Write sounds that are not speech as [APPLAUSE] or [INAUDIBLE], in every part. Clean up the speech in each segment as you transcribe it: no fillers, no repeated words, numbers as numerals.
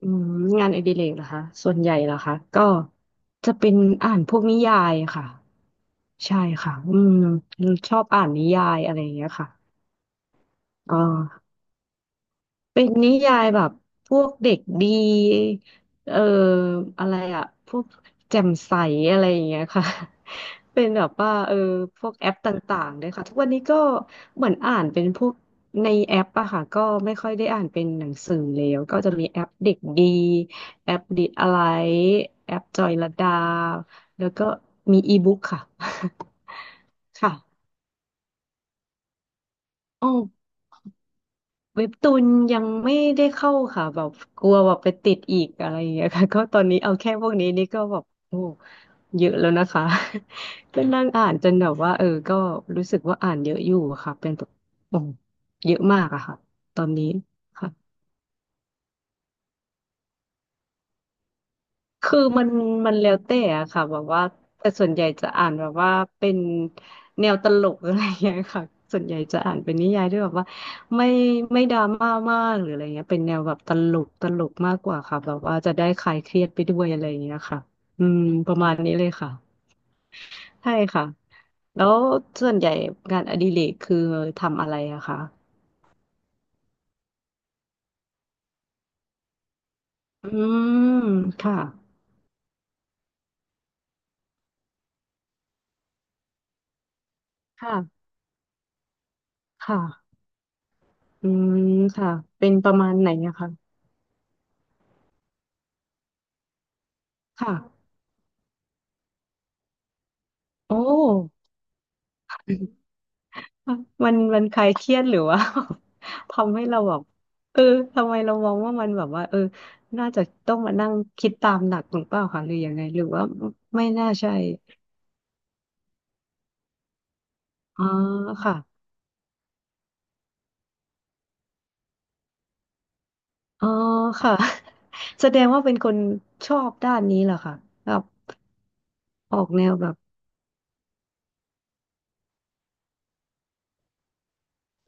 อืมงานอดิเรกเหรอคะส่วนใหญ่เหรอคะก็จะเป็นอ่านพวกนิยายค่ะ ใช่ค่ะ อืมชอบอ่านนิยายอะไรอย่างเงี้ยค่ะอ๋อ เป็นนิยายแบบพวกเด็กดีเอ่ออะไรอะพวกแจ่มใสอะไรอย่างเงี้ยค่ะ [LAUGHS] เป็นแบบว่าเออพวกแอปต่างๆเลยค่ะทุกวันนี้ก็เหมือนอ่านเป็นพวกในแอปอะค่ะ ก็ไม่ค่อยได้อ่านเป็นหนังสือแล้วก็จะมีแอปเด็กดีแอปดิดอะไรแอปจอยลดาแล้วก็มีอีบุ๊กค่ะ [LAUGHS] ค่ะ เว็บตูนยังไม่ได้เข้าค่ะแบบกลัวแบบไปติดอีกอะไรอย่างเงี้ยค่ะ [LAUGHS] ก็ตอนนี้เอาแค่พวกนี้นี่ก็แบบโอ้เยอะแล้วนะคะ [LAUGHS] ก็นั่งอ่านจนแบบว่าเออก็รู้สึกว่าอ่านเยอะอยู่ค่ะเป็นแบบโอ้เยอะมากอะค่ะตอนนี้ค่ะ คือมันแล้วแต่อะค่ะแบบว่าแต่ส่วนใหญ่จะอ่านแบบว่าเป็นแนวตลกอะไรอย่างเงี้ยค่ะส่วนใหญ่จะอ่านเป็นนิยายด้วยแบบว่าไม่ไม่ดราม่ามากหรืออะไรเงี้ยเป็นแนวแบบตลกตลกมากกว่าค่ะแบบว่าจะได้คลายเครียดไปด้วยอะไรอย่างเงี้ยค่ะอืมประมาณนี้เลยค่ะใช่ค่ะแล้วส่วนใหญ่งานอดิเรกคือทำอะไรอะคะอืมค่ะค่ะค่ะอืมค่ะเป็นประมาณไหนอะคะค่ะโอ้ มัมันคลายเครียดหรือว่า [LAUGHS] ทำให้เราแบบเออทำไมเรามองว่ามันแบบว่าเออน่าจะต้องมานั่งคิดตามหนักหรือเปล่าคะหรือยังไงหรือว่าไม่น่าใช่อ๋อค่ะอ๋อค่ะ [LAUGHS] แสดงว่าเป็นคนชอบด้านนี้เหรอคะแบบออกแนวแบบ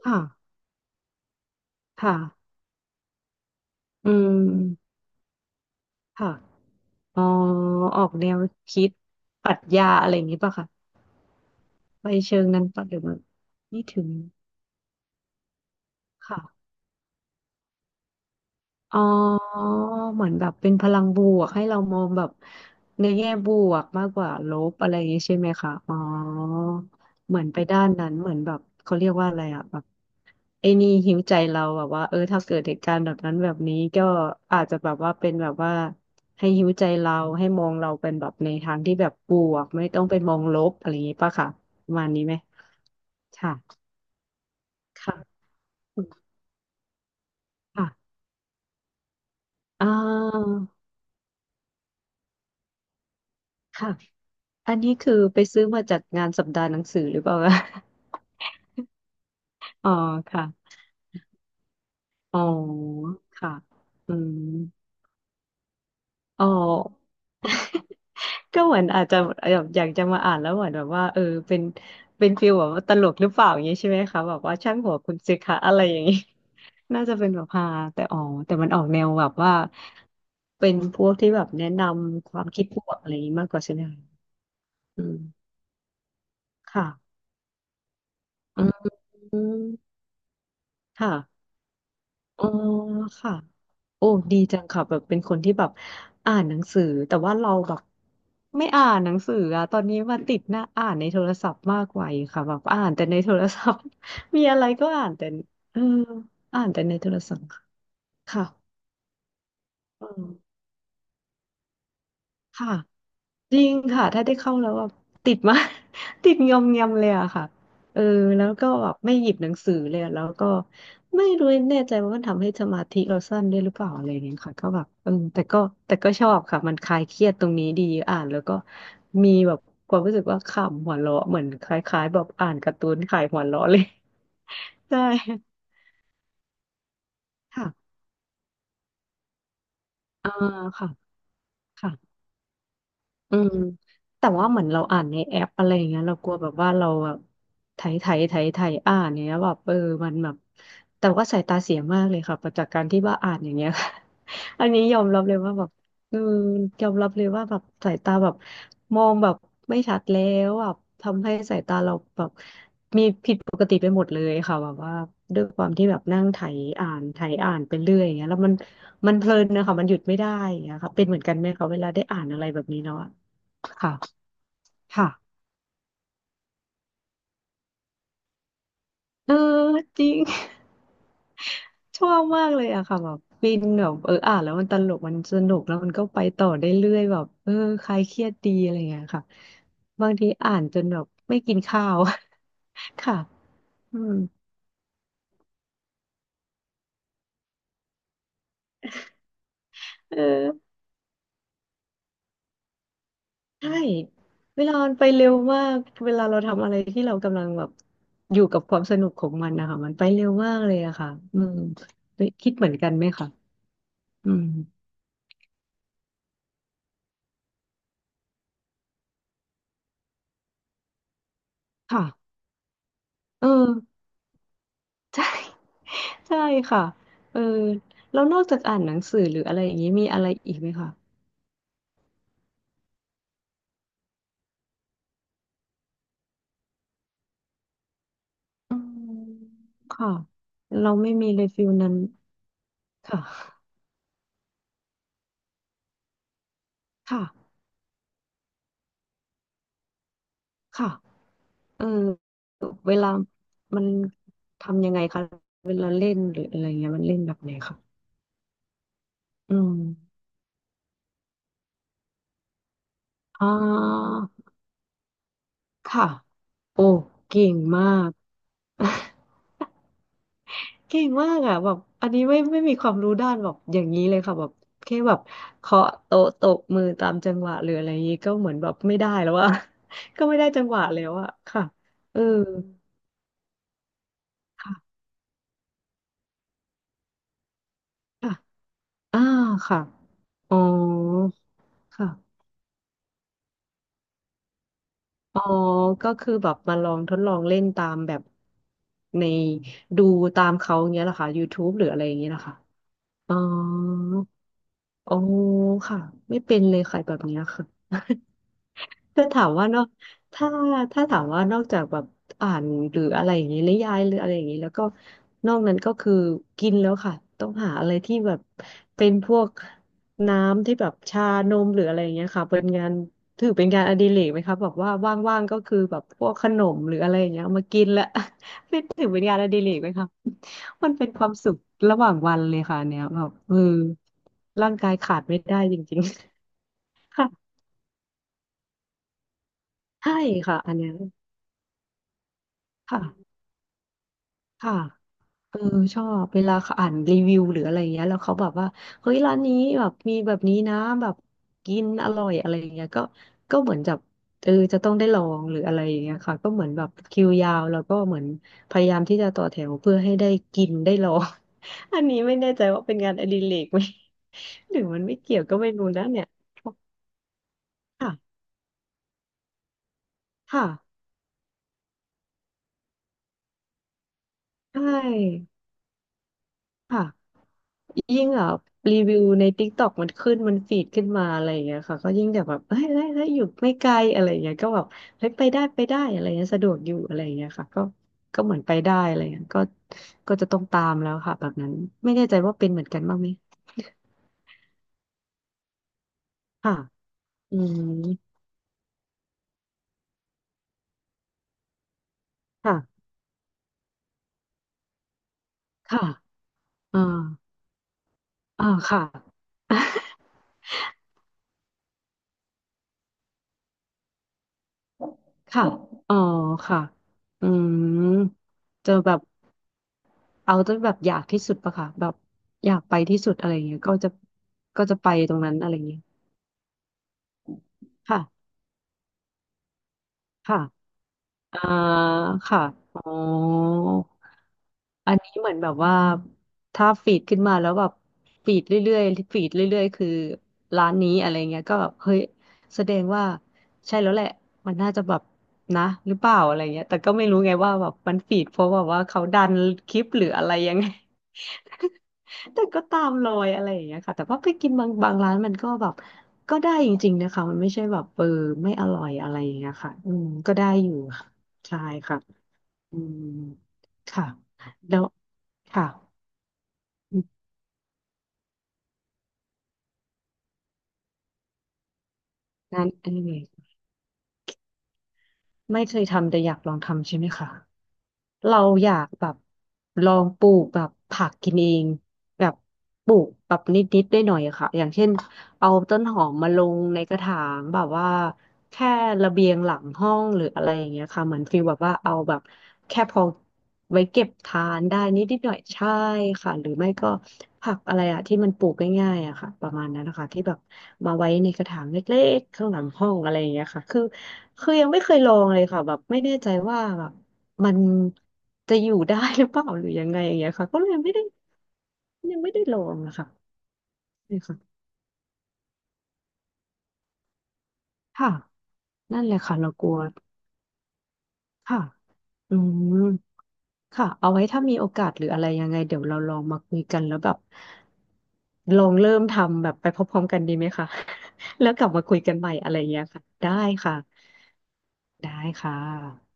ค่ะค่ะอืมค่ะอ๋อออกแนวคิดปรัชญาอะไรอย่างนี้ป่ะคะไปเชิงนั้นป่ะหรือว่าไม่ถึงค่ะ อ๋อเหมือนแบบเป็นพลังบวกให้เรามองแบบในแง่บวกมากกว่าลบอะไรอย่างนี้ใช่ไหมคะอ๋อเหมือนไปด้านนั้นเหมือนแบบเขาเรียกว่าอะไรอะแบบไอ้นี่หิวใจเราแบบว่าเออถ้าเกิดเหตุการณ์แบบนั้นแบบนี้ก็อาจจะแบบว่าเป็นแบบว่าให้หิวใจเราให้มองเราเป็นแบบในทางที่แบบบวกไม่ต้องไปมองลบอะไรอย่างนี้ป่ะค่ะประมาณนี้ไหมค่ะค่ะค่ะอ่าค่ะ อันนี้คือไปซื้อมาจากงานสัปดาห์หนังสือหรือเปล่าคะ [LAUGHS] อ๋อค่ะอ๋อค่ะอืมอ๋อ [LAUGHS] ก็เหมือนอาจจะแบบอยากจะมาอ่านแล้วเหมือนแบบว่าเออเป็นเป็นฟีลแบบว่าตลกหรือเปล่าอย่างนี้ใช่ไหมคะแบบว่าช่างหัวคุณสิคะอะไรอย่างนี้ [LAUGHS] น่าจะเป็นแบบฮาแต่อ๋อแต่มันออกแนวแบบว่าเป็นพวกที่แบบแนะนำความคิดบวกอะไรอย่างนี้มากกว่าใช่ไหมคะอืมค่ะอืมค่ะอ๋อค่ะ โอ้ดีจังค่ะแบบเป็นคนที่แบบอ่านหนังสือแต่ว่าเราแบบไม่อ่านหนังสืออะตอนนี้มาติดหน้าอ่านในโทรศัพท์มากกว่าอีกค่ะแบบอ่านแต่ในโทรศัพท์ [LAUGHS] มีอะไรก็อ่านแต่เอออ่านแต่ในโทรศัพท์ค่ะอืมค่ะ จริงค่ะถ้าได้เข้าแล้วแบบติดมาก [LAUGHS] ติดงอมแงมเลยอะค่ะเออแล้วก็แบบไม่หยิบหนังสือเลยอะแล้วก็ไม่รู้แน่ใจว่ามันทำให้สมาธิเราสั้นด้วยหรือเปล่าอะไรอย่างเงี้ยค่ะก็แบบเออแต่ก็ชอบค่ะมันคลายเครียดตรงนี้ดีอ่านแล้วก็มีแบบความรู้สึกว่าขำหัวเราะเหมือนคล้ายๆแบบอ่านการ์ตูนขายหัวเราะเลย [LAUGHS] ใช่ค่ะอ่าค่ะค่ะ อืมแต่ว่าเหมือนเราอ่านในแอปอะไรอย่างเงี้ยเรากลัวแบบว่าเราแบบไถไถไถไถอ่านอย่างเงี้ยแบบเออมันแบบแต่ว่าสายตาเสียมากเลยค่ะจากการที่ว่าอ่านอย่างเงี้ย [LAUGHS] อันนี้ยอมรับเลยว่าแบบเออยอมรับเลยว่าแบบสายตาแบบมองแบบไม่ชัดแล้วแบบทำให้สายตาเราแบบมีผิดปกติไปหมดเลยค่ะแบบว่าด้วยความที่แบบนั่งไถอ่านไถอ่านไปเรื่อยอย่างเงี้ยแล้วมันเพลินนะคะมันหยุดไม่ได้อย่างเงี้ยค่ะเป็นเหมือนกันไหมคะเวลาได้อ่านอะไรแบบนี้เนาะ ค่ะค่ะเออจริง [LAUGHS] ชอบมากเลยอะค่ะแบบฟินแบบเอออ่านแล้วมันตลกมันสนุกแล้วมันก็ไปต่อได้เรื่อยแบบเออคลายเครียดดีอะไรเงี้ยค่ะบางทีอ่านจนแบบไม่กินข้าว [LAUGHS] ค่ะอืมเออใช่เวลามันไปเร็วมากเวลาเราทำอะไรที่เรากำลังแบบอยู่กับความสนุกของมันนะคะมันไปเร็วมากเลยอะค่ะอืมคิดเหมือนกันไหมคะอืมค่ะเออใช่ ใช่ค่ะเออแล้วนอกจากอ่านหนังสือหรืออะไรอย่างนี้มีอะไรอีกไหมคะอืมค่ะเราไม่มีเลยฟิลนั้นค่ะค่ะค่ะเออเวลามันทำยังไงคะเวลาเล่นหรืออะไรเงี้ยมันเล่นแบบไหนคะอืมอ่าค่ะโอ้เก่งมาก [LAUGHS] เก่งมากอ่ะแบบอันนี้ไม่มีความรู้ด้านแบบอย่างนี้เลยค่ะแบบแค่แบบเคาะโต๊ะตบมือตามจังหวะหรืออะไรอย่างนี้ก็เหมือนแบบไม่ได้แล้วอ่ะ [LAUGHS] ก็ไม่ได้จังหวะแล้วอ่ะค่ะเออค่ะค่ะอ่าค่ะอ๋อค่ะอ๋อก็คือแบบมาลองทดลองเล่นตามแบบในดูตามเขาอย่างเงี้ยเหรอคะ YouTube หรืออะไรอย่างเงี้ยเหรอคะอ๋ออ๋อค่ะไม่เป็นเลยค่ะแบบเนี้ยค่ะ ถ้าถามว่านอกถ้าถ้าถามว่านอกจากแบบอ่านหรืออะไรอย่างนี้นิยายหรืออะไรอย่างนี้แล้วก็นอกนั้นก็คือกินแล้วค่ะ ต้องหาอะไรที่แบบเป็นพวกน้ำที่แบบชานมหรืออะไรอย่างเงี้ยค่ะเป็นงานถือเป็นงานอดิเรกไหมคะแบบว่าว่างๆก็คือแบบพวกขนมหรืออะไรอย่างเงี้ยเอามากินละ [LAUGHS] เป็น [LAUGHS] ถือเป็นงานอดิเรกไหมคะมันเป็นความสุขระหว่างวันเลยค่ะอันเนี้ยแบบเออร่างกายขาดไม่ได้จริงๆ [LAUGHS] ค่ะใช่ค่ะอันเนี้ยค่ะ ค่ะเออชอบเวลาเขาอ่านรีวิวหรืออะไรอย่างเงี้ยแล้วเขาแบบว่า เฮ้ยร้านนี้แบบมีแบบนี้นะแบบกินอร่อยอะไรอย่างเงี้ยก็ก็เหมือนจะเออจะต้องได้ลองหรืออะไรอย่างเงี้ยค่ะก็เหมือนแบบคิวยาวแล้วก็เหมือนพยายามที่จะต่อแถวเพื่อให้ได้กินได้ลอง [LAUGHS] อันนี้ไม่แน่ใจว่าเป็นงานอดิเรกไหม [LAUGHS] หรือมันไม่เกี่ยวก็ไม่รู้นะเนี่ยค่ะค่ะใช่ค่ะ ยิ่งอ่ะรีวิวใน TikTok มันขึ้นมันฟีดขึ้นมาอะไรอย่างเงี้ยค่ะก็ยิ่งแบบแบบเฮ้ยเฮ้ยอยู่ไม่ไกลอะไรอย่างเงี้ยก็แบบเฮ้ยไปได้อะไรเงี้ยสะดวกอยู่อะไรอย่างเงี้ยค่ะก็ก็เหมือนไปได้อะไรเงี้ยก็ก็จะต้องตามแล้วค่ะแบบนั้นไม่แน่ใจว่าเป็นเหมือนกันบ้างไหมค่ะอืมค่ะค่ะอ่าอ่าค่ะ [LAUGHS] ค่ะอ๋อค่ะอืมเจอแบบ เอาจนแบบอยากที่สุดปะค่ะแบบอยากไปที่สุดอะไรอย่างเงี้ยก็จะก็จะไปตรงนั้นอะไรอย่างเงี้ยค่ะค่ะอ่าค่ะอ๋ออันนี้เหมือนแบบว่าถ้าฟีดขึ้นมาแล้วแบบฟีดเรื่อยๆฟีดเรื่อยๆคือร้านนี้อะไรเงี้ยก็แบบเฮ้ยแสดงว่าใช่แล้วแหละมันน่าจะแบบนะหรือเปล่าอะไรเงี้ยแต่ก็ไม่รู้ไงว่าแบบมันฟีดเพราะแบบว่าเขาดันคลิปหรืออะไรยังไง แต่ก็ตามรอยอะไรอย่างเงี้ยค่ะแต่ว่าไปกินบางร้านมันก็แบบก็ได้จริงๆนะคะมันไม่ใช่แบบเออไม่อร่อยอะไรอย่างเงี้ยค่ะอืมก็ได้อยู่ค่ะใช่ค่ะอืมค่ะแล้วค่ะงานอดิเรกไม่เคยทำแต่อยากลองทำใช่ไหมคะเราอยากแบบลองปลูกแบบผักกินเองแบบปลูกแบบนิดๆได้หน่อยอะค่ะอย่างเช่นเอาต้นหอมมาลงในกระถางแบบว่า แค่ระเบียงหลังห้องหรืออะไรอย่างเงี้ยค่ะเหมือนฟีลแบบว่าเอาแบบแค่พอไว้เก็บทานได้นิดนิดหน่อยใช่ค่ะหรือไม่ก็ผักอะไรอะที่มันปลูกง่ายๆอะค่ะประมาณนั้นนะคะที่แบบมาไว้ในกระถางเล็กๆข้างหลังห้องอะไรอย่างเงี้ยค่ะคือคือยังไม่เคยลองเลยค่ะแบบไม่แน่ใจว่าแบบมันจะอยู่ได้หรือเปล่าหรือยังไงอย่างเงี้ยค่ะก็เลยไม่ได้ยังไม่ได้ลองนะคะนี่ค่ะค่ะนั่นแหละค่ะเรากลัวค่ะอืม ค่ะเอาไว้ถ้ามีโอกาสหรืออะไรยังไงเดี๋ยวเราลองมาคุยกันแล้วแบบลองเริ่มทำแบบไปพร้อมๆกันดีไหมคะ [LAUGHS] แล้วกลับมาคุยกันใหม่อะไรเงี้ยค่ะได้ค่ะได้ค่ะ